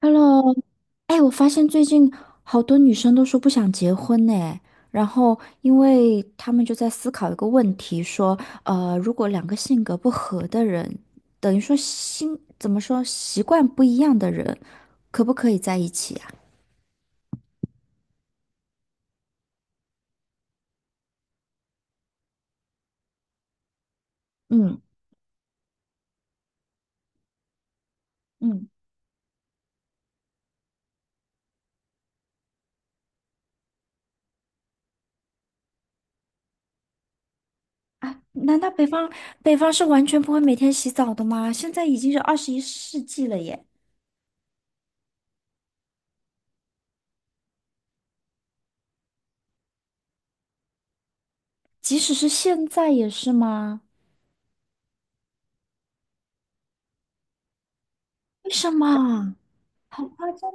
Hello，哎，我发现最近好多女生都说不想结婚呢，然后因为她们就在思考一个问题，说，如果两个性格不合的人，等于说怎么说，习惯不一样的人，可不可以在一起啊？嗯嗯，啊，难道北方是完全不会每天洗澡的吗？现在已经是21世纪了耶，即使是现在也是吗？为什么？好夸张。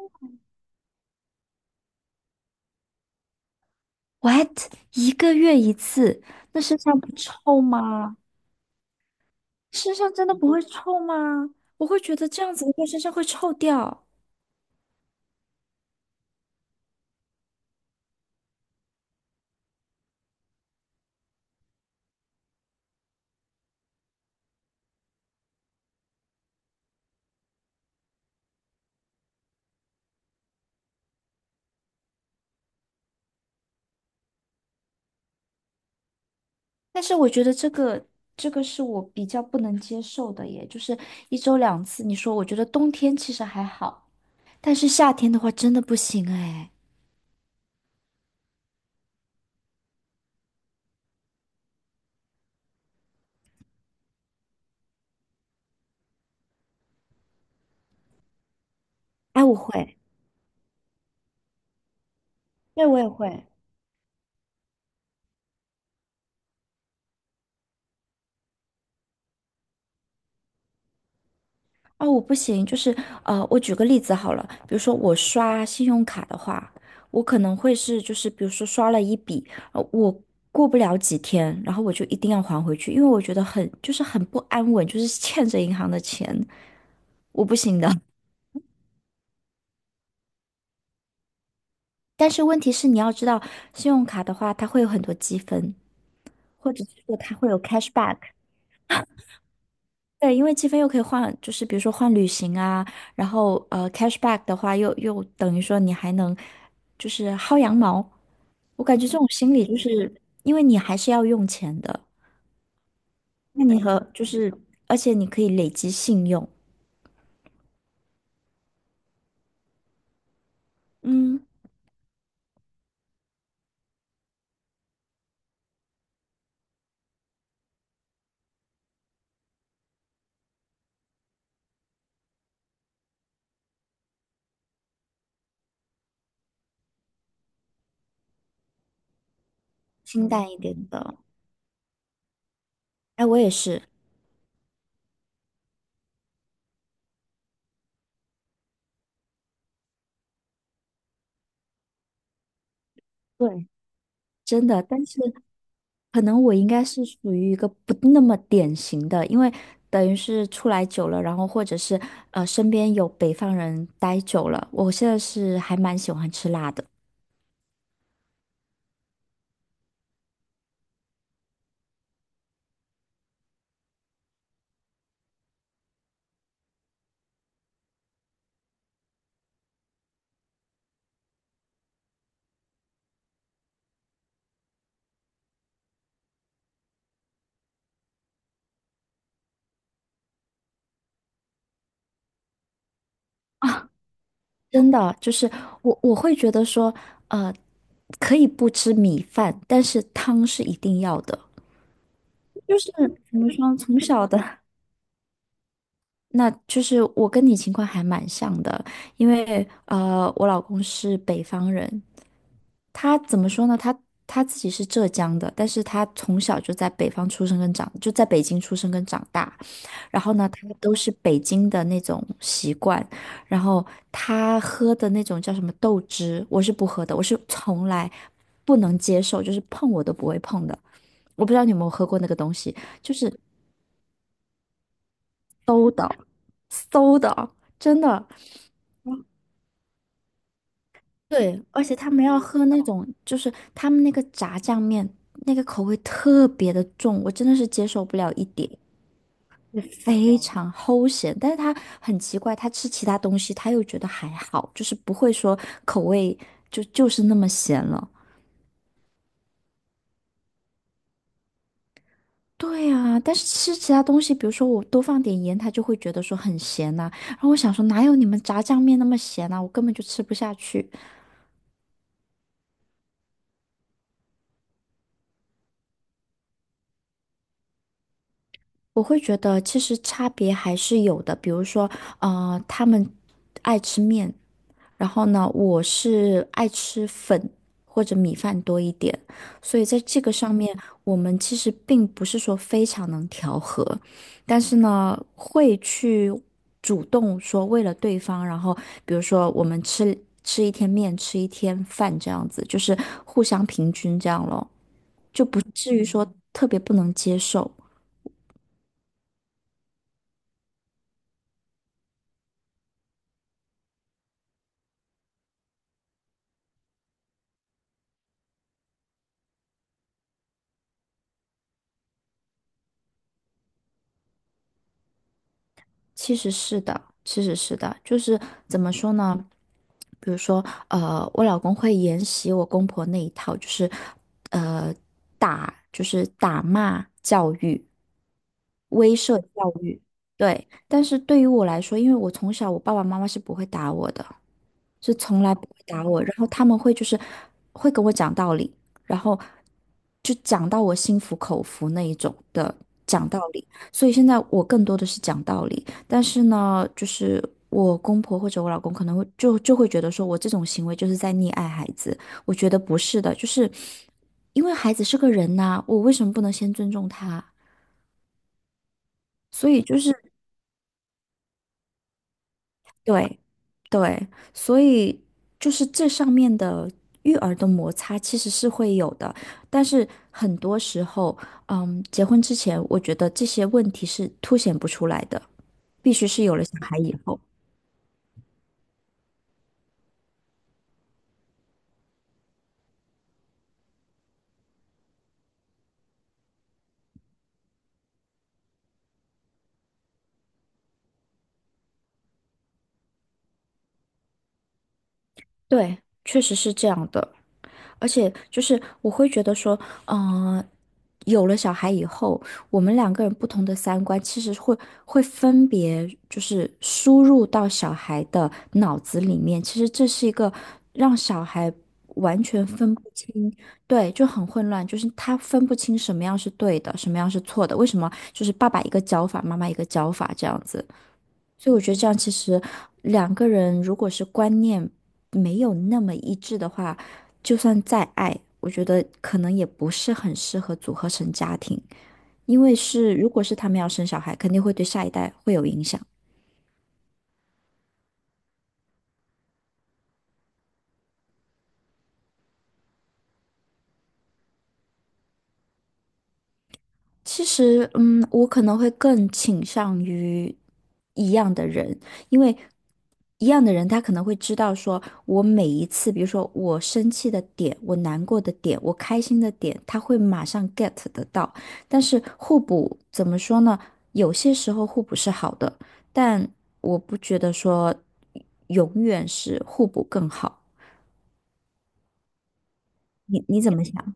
？What？一个月一次，那身上不臭吗？身上真的不会臭吗？我会觉得这样子的话身上会臭掉。但是我觉得这个是我比较不能接受的耶，就是一周两次。你说，我觉得冬天其实还好，但是夏天的话真的不行哎。哎，我会，对，我也会。哦，我不行，就是我举个例子好了，比如说我刷信用卡的话，我可能会是就是比如说刷了一笔，我过不了几天，然后我就一定要还回去，因为我觉得很就是很不安稳，就是欠着银行的钱，我不行的。但是问题是你要知道，信用卡的话，它会有很多积分，或者是说它会有 cashback。对，因为积分又可以换，就是比如说换旅行啊，然后cashback 的话又等于说你还能就是薅羊毛。我感觉这种心理就是因为你还是要用钱的，那你和就是，而且你可以累积信用，嗯，清淡一点的。哎，我也是，对，真的，但是。可能我应该是属于一个不那么典型的，因为等于是出来久了，然后或者是身边有北方人待久了，我现在是还蛮喜欢吃辣的，真的就是我会觉得说可以不吃米饭，但是汤是一定要的，就是怎么说从小的。那就是我跟你情况还蛮像的，因为我老公是北方人，他怎么说呢？他自己是浙江的，但是他从小就在北方出生跟长，就在北京出生跟长大。然后呢，他都是北京的那种习惯。然后他喝的那种叫什么豆汁，我是不喝的，我是从来不能接受，就是碰我都不会碰的。我不知道你有没有喝过那个东西，馊的，馊的，真的。对，而且他们要喝那种，就是他们那个炸酱面，那个口味特别的重，我真的是接受不了一点，非常齁咸。但是他很奇怪，他吃其他东西他又觉得还好，就是不会说口味就是那么咸了。对啊，但是吃其他东西，比如说我多放点盐，他就会觉得说很咸呐、然后我想说，哪有你们炸酱面那么咸呐？我根本就吃不下去。我会觉得其实差别还是有的，比如说，他们爱吃面，然后呢，我是爱吃粉或者米饭多一点，所以在这个上面，我们其实并不是说非常能调和，但是呢，会去主动说为了对方，然后比如说我们吃一天面，吃一天饭这样子，就是互相平均这样咯，就不至于说特别不能接受。其实是的，其实是的，就是怎么说呢？比如说，我老公会沿袭我公婆那一套，就是，呃，打，就是打骂教育，威慑教育。对，但是对于我来说，因为我从小我爸爸妈妈是不会打我的，是从来不会打我，然后他们会就是会跟我讲道理，然后就讲到我心服口服那一种的讲道理，所以现在我更多的是讲道理，但是呢，就是我公婆或者我老公可能会就会觉得说我这种行为就是在溺爱孩子，我觉得不是的，就是因为孩子是个人呐、我为什么不能先尊重他？所以就是。对，对，所以就是这上面的育儿的摩擦其实是会有的，但是很多时候，嗯，结婚之前，我觉得这些问题是凸显不出来的，必须是有了小孩以后。对，确实是这样的。而且就是我会觉得说，嗯、有了小孩以后，我们两个人不同的三观其实会分别就是输入到小孩的脑子里面，其实这是一个让小孩完全分不清，对，就很混乱，就是他分不清什么样是对的，什么样是错的，为什么就是爸爸一个教法，妈妈一个教法这样子。所以我觉得这样其实两个人如果是观念没有那么一致的话，就算再爱，我觉得可能也不是很适合组合成家庭，因为是如果是他们要生小孩，肯定会对下一代会有影响。其实，嗯，我可能会更倾向于一样的人，因为一样的人他可能会知道说，我每一次，比如说我生气的点，我难过的点，我开心的点，他会马上 get 得到。但是互补怎么说呢？有些时候互补是好的，但我不觉得说永远是互补更好。你怎么想？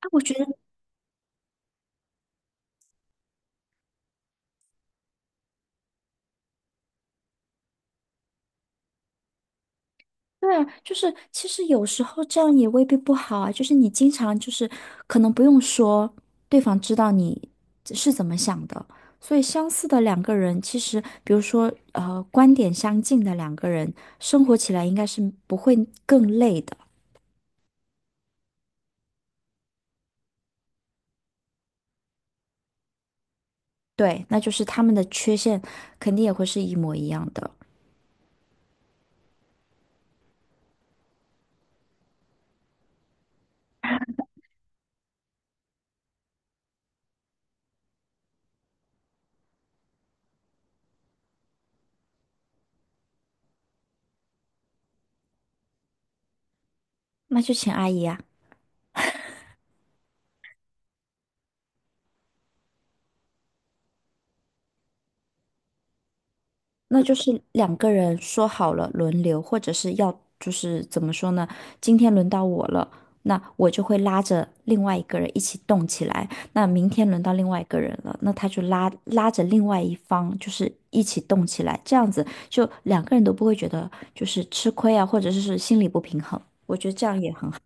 啊，我觉得对啊，就是其实有时候这样也未必不好啊。就是你经常就是可能不用说，对方知道你是怎么想的。所以相似的两个人，其实比如说观点相近的两个人，生活起来应该是不会更累的。对，那就是他们的缺陷肯定也会是一模一样的。那就请阿姨啊。那就是两个人说好了轮流，或者是要就是怎么说呢？今天轮到我了，那我就会拉着另外一个人一起动起来。那明天轮到另外一个人了，那他就拉着另外一方，就是一起动起来。这样子就两个人都不会觉得就是吃亏啊，或者是心里不平衡。我觉得这样也很好。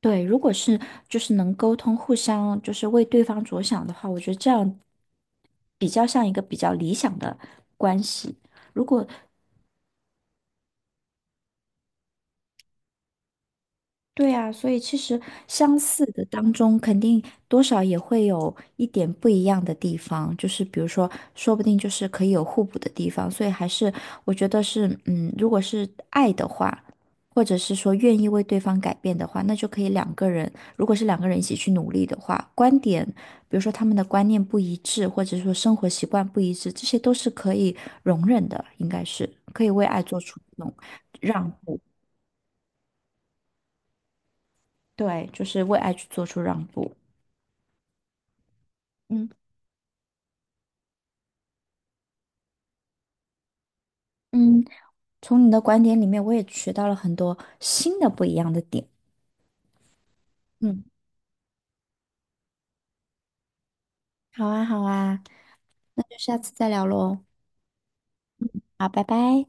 对，如果是就是能沟通，互相就是为对方着想的话，我觉得这样比较像一个比较理想的关系。如果对啊，所以其实相似的当中，肯定多少也会有一点不一样的地方，就是比如说，说不定就是可以有互补的地方，所以还是我觉得是，嗯，如果是爱的话，或者是说愿意为对方改变的话，那就可以两个人，如果是两个人一起去努力的话，观点，比如说他们的观念不一致，或者说生活习惯不一致，这些都是可以容忍的，应该是可以为爱做出那种让步，对，就是为爱去做出让步。嗯嗯，从你的观点里面，我也学到了很多新的不一样的点。嗯，好啊，好啊，那就下次再聊喽。好，拜拜。